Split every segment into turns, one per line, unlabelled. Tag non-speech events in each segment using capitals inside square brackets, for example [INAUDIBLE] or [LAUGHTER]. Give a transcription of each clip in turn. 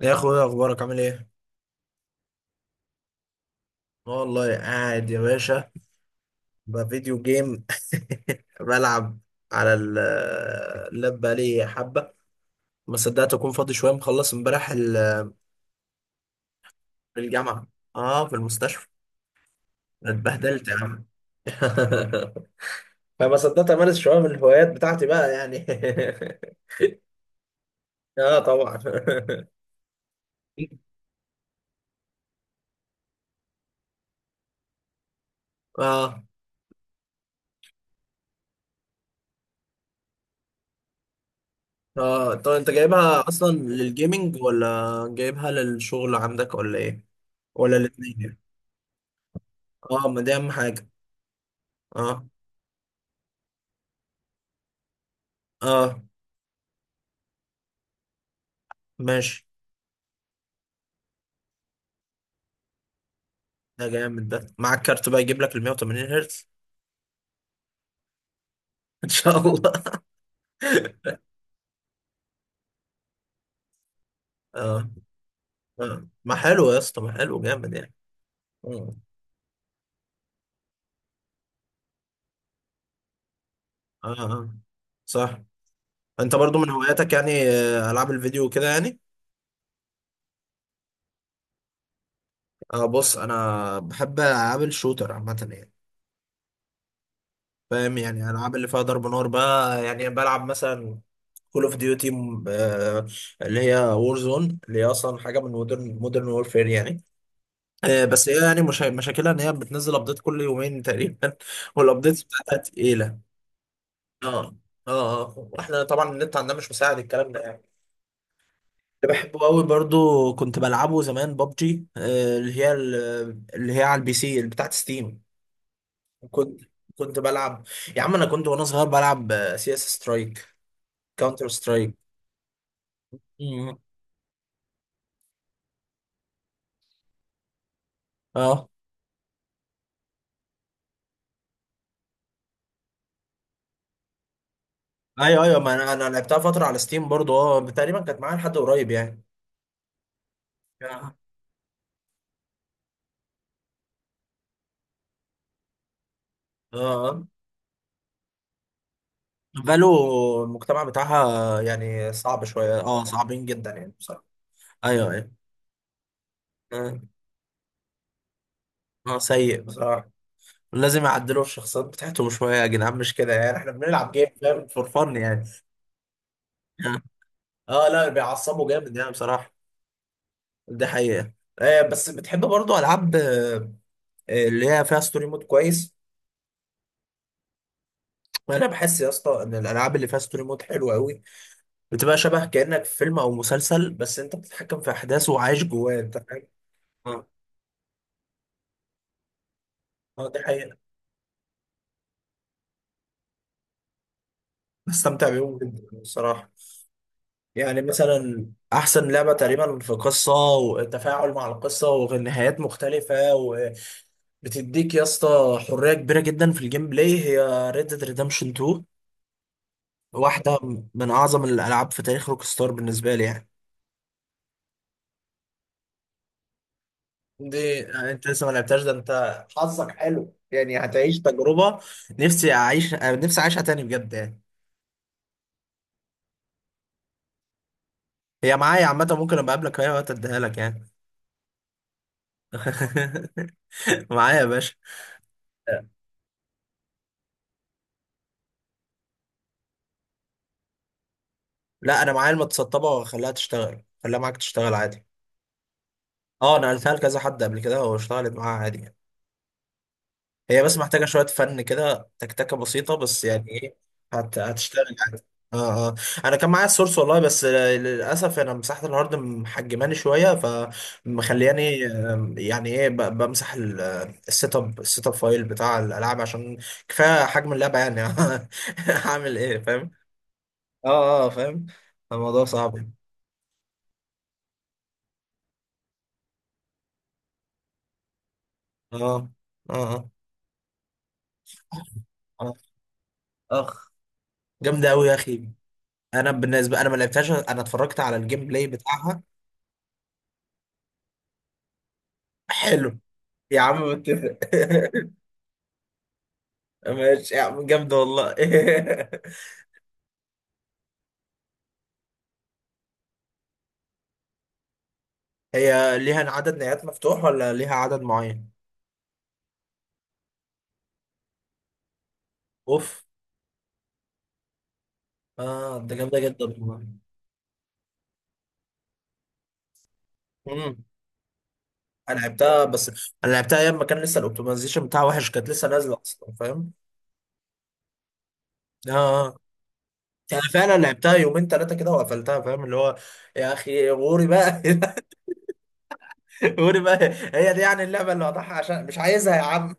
يا اخويا ايه اخبارك عامل ايه؟ والله قاعد يا باشا، بفيديو جيم. [LAUGHS] بلعب على اللاب بقالي حبه. ما صدقت اكون فاضي شويه، مخلص امبارح الجامعه. اه، في المستشفى اتبهدلت يا عم. [LAUGHS] فما صدقت امارس شويه من الهوايات بتاعتي بقى يعني. [LAUGHS] اه طبعا. [LAUGHS] اه اه، طب انت جايبها اصلا للجيمنج، ولا جايبها للشغل عندك ولا ايه؟ ولا الاثنين؟ اه، ما دي اهم حاجه. اه اه، ماشي. ده جامد، ده معاك كارت بقى يجيب لك ال 180 هرتز؟ [LAUGHS] ان شاء الله. اه ما حلو يا اسطى، ما حلو، جامد يعني. اه اه صح، انت برضو من هواياتك يعني العاب الفيديو كده يعني. اه بص، انا بحب العاب الشوتر عامه يعني. فاهم يعني، العاب اللي فيها ضرب نار بقى يعني. بلعب مثلا كول اوف ديوتي، اللي هي وور زون، اللي هي اصلا حاجه من مودرن وورفير يعني. بس هي يعني مشاكلها ان هي بتنزل ابديت كل يومين تقريبا، [LAUGHS] والابديت بتاعتها تقيله. اه اه واحنا طبعا النت عندنا مش مساعد الكلام ده يعني. اللي بحبه قوي برضو، كنت بلعبه زمان، ببجي، اللي هي اللي هي على البي سي اللي بتاعت ستيم. كنت كنت بلعب. يا عم انا كنت وانا صغير بلعب سي اس سترايك، كاونتر سترايك. مم. اه ايوه ايوه، ما انا لعبتها فتره على ستيم برضو، اه تقريبا كانت معايا لحد قريب يعني. اه اه، فالو المجتمع بتاعها يعني صعب شوية، اه صعبين جدا يعني بصراحة. ايوه ايوه اه سيء بصراحة. لازم يعدلوا الشخصيات بتاعتهم شوية يا جدعان، مش كده يعني، احنا بنلعب جيم فاهم؟ فور فن يعني. اه لا، بيعصبوا جامد يعني بصراحة. دي حقيقة. آه، بس بتحب برضو ألعاب آه اللي هي فيها ستوري مود كويس. أنا بحس يا اسطى إن الألعاب اللي فيها ستوري مود حلوة أوي. بتبقى شبه كأنك في فيلم أو مسلسل، بس أنت بتتحكم في أحداثه وعايش جواه. أنت فاهم؟ اه دي حقيقة. بستمتع بيهم جدا الصراحة. يعني مثلا، أحسن لعبة تقريبا في قصة وتفاعل مع القصة ونهايات مختلفة وبتديك يا اسطى حرية كبيرة جدا في الجيم بلاي، هي Red Dead Redemption 2. واحدة من أعظم الألعاب في تاريخ روكستار بالنسبة لي يعني. دي أنت لسه ما لعبتهاش؟ ده أنت حظك حلو يعني، هتعيش تجربة. نفسي أعيش نفسي أعيشها تاني بجد يعني. هي معايا عامة، ممكن أبقى أقابلك في أي وقت أديها لك يعني. [LAUGHS] معايا يا باشا. لا انا معايا المتسطبه، واخليها تشتغل، خليها معاك تشتغل عادي. اه نقلتها لكذا حد قبل كده واشتغلت معاها عادي يعني. هي بس محتاجه شويه فن كده، تكتكه بسيطه بس يعني ايه، هتشتغل عادي. اه اه، انا كان معايا السورس والله، بس للاسف انا مساحه الهارد محجماني شويه فمخلياني يعني ايه، بمسح السيت اب، السيت اب فايل بتاع الالعاب، عشان كفايه حجم اللعبه يعني. [LAUGHS] هعمل ايه فاهم؟ اه اه فاهم، الموضوع صعب يعني. اه اه آه. اخ اخ، جامده قوي يا اخي. انا بالنسبه، انا ما لعبتهاش، انا اتفرجت على الجيم بلاي بتاعها. حلو يا عم، متفق. [LAUGHS] ماشي يا عم، جامده والله. [LAUGHS] هي ليها عدد نهايات مفتوح، ولا ليها عدد معين؟ اوف، اه ده جامده جدا والله. امم، انا لعبتها، بس انا لعبتها ايام ما كان لسه الاوبتمايزيشن بتاعها وحش، كانت لسه نازله اصلا فاهم. اه آه. انا فعلا لعبتها يومين ثلاثه كده وقفلتها فاهم اللي هو، يا اخي غوري بقى. [LAUGHS] قولي بقى، هي دي يعني اللعبه اللي وضعها عشان مش عايزها يا عم.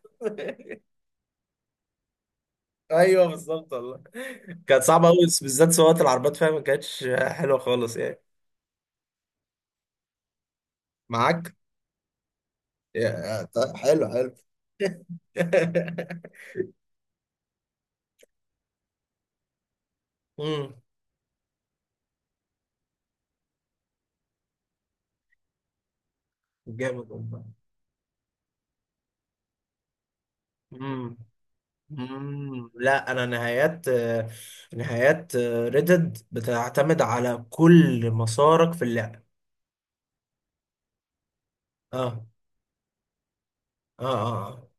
[LAUGHS] ايوه بالظبط والله. كانت صعبه قوي، بالذات سواقه العربيات فيها ما كانتش حلوه خالص يعني. معاك؟ يا- طيب، حلو حلو. [LAUGHS] امم، جامد والله. امم لا، انا نهايات نهايات ريدد بتعتمد على كل مسارك في اللعبه. اه اه اه آه.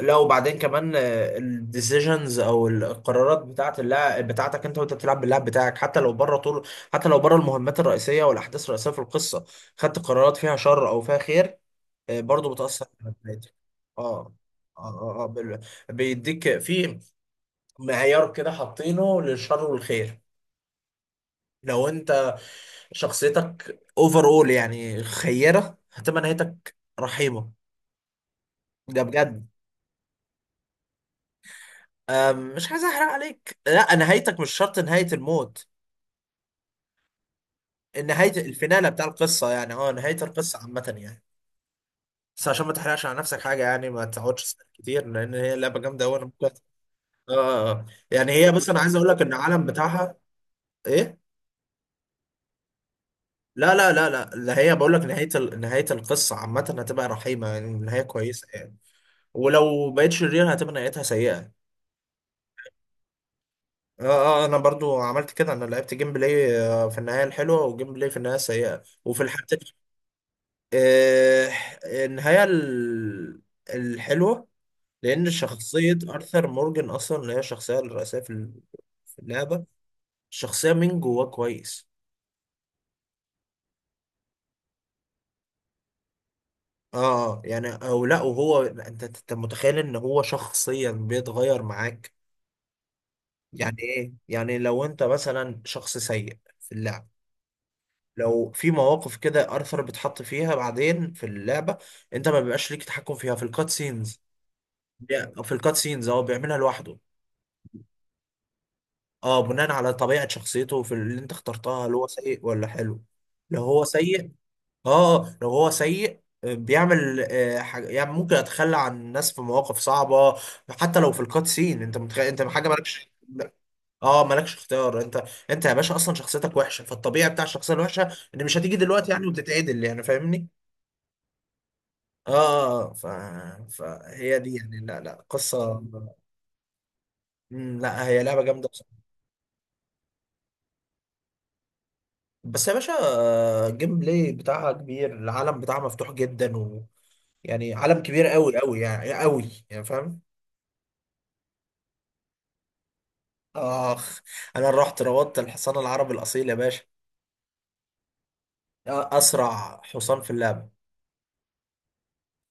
لا وبعدين كمان، الديسيجنز او القرارات بتاعت اللاعب بتاعتك، انت وانت بتلعب باللاعب بتاعك، حتى لو بره طول، حتى لو بره المهمات الرئيسيه والاحداث الرئيسيه في القصه، خدت قرارات فيها شر او فيها خير، برضو بتاثر على نتيجتك. اه اه اه بيديك في معيار كده حاطينه للشر والخير. لو انت شخصيتك اوفر اول يعني خيره، هتبقى نهايتك رحيمه. ده بجد. مش عايز احرق عليك، لا نهايتك مش شرط نهايه الموت. نهاية الفينالة بتاع القصة يعني، اه نهاية القصة عامة يعني. بس عشان ما تحرقش على نفسك حاجة يعني، ما تقعدش تسأل كتير، لأن هي لعبة جامدة أوي، أنا ممكن اه آه. آه. يعني هي بص، أنا عايز أقول لك إن العالم بتاعها إيه؟ لا لا لا لا، اللي هي بقول لك نهاية القصة عامة هتبقى رحيمة يعني، نهاية كويسة يعني. ولو بقيت شرير هتبقى نهايتها سيئة. اه اه انا برضو عملت كده، انا لعبت جيم بلاي في النهايه الحلوه، وجيم بلاي في النهايه السيئه، وفي الحالتين آه، النهايه الحلوه، لأن شخصية أرثر مورجان أصلا، اللي هي الشخصية الرئيسية في في اللعبة، شخصية من جواه كويس. اه يعني، او لا، وهو انت انت متخيل ان هو شخصيا بيتغير معاك. يعني ايه؟ يعني لو انت مثلا شخص سيء في اللعب، لو في مواقف كده ارثر بيتحط فيها بعدين في اللعبة، انت ما بيبقاش ليك تحكم فيها في الكات سينز. في الكات سينز هو بيعملها لوحده. اه بناء على طبيعة شخصيته في اللي انت اخترتها، هل هو سيء ولا حلو. لو هو سيء، اه لو هو سيء بيعمل حاجة يعني، ممكن اتخلى عن الناس في مواقف صعبة، حتى لو في الكات سين انت انت حاجة مالكش، اه مالكش اختيار انت. انت يا باشا اصلا شخصيتك وحشة، فالطبيعي بتاع الشخصية الوحشة ان مش هتيجي دلوقتي يعني وتتعدل يعني فاهمني. اه آه، فهي دي يعني لا لا قصة. مم، لا هي لعبة جامدة بصراحة. بس يا باشا الجيم بلاي بتاعها كبير، العالم بتاعها مفتوح جدا و... يعني عالم كبير قوي قوي يعني، قوي يعني فاهم. اخ، انا رحت روضت الحصان العربي الاصيل يا باشا، اسرع حصان في اللعبه،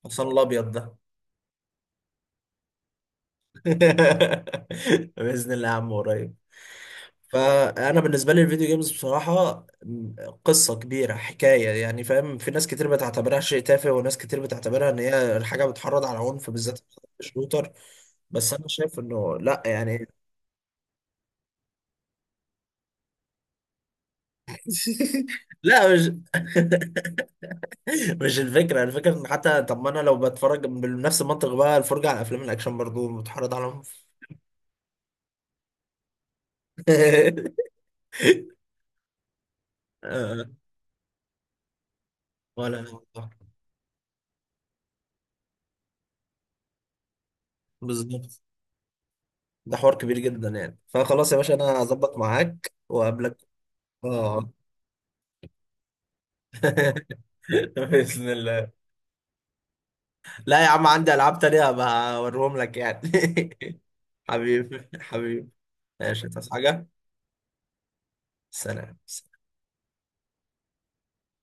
الحصان الابيض ده. [LAUGHS] باذن الله يا عم قريب. فانا بالنسبه لي الفيديو جيمز بصراحه قصه كبيره، حكايه يعني فاهم. في ناس كتير بتعتبرها شيء تافه، وناس كتير بتعتبرها ان هي حاجه بتحرض على عنف، بالذات الشوتر. بس انا شايف انه لا يعني. [LAUGHS] لا مش [LAUGHS] [LAUGHS] مش الفكرة. الفكرة ان حتى طب ما انا لو بتفرج بنفس المنطق بقى، الفرجة على افلام الاكشن برضو بتحرض عليهم. [LAUGHS] آه، ولا الموضوع. بالظبط، ده حوار كبير جدا يعني، فخلاص يا باشا انا هظبط معاك واقابلك. اه [LAUGHS] بإذن الله. لا يا عم عندي العاب تانية هبقى اوريهم لك يعني. [LAUGHS] حبيبي حبيبي. ماشي، تصحى حاجة؟ سلام.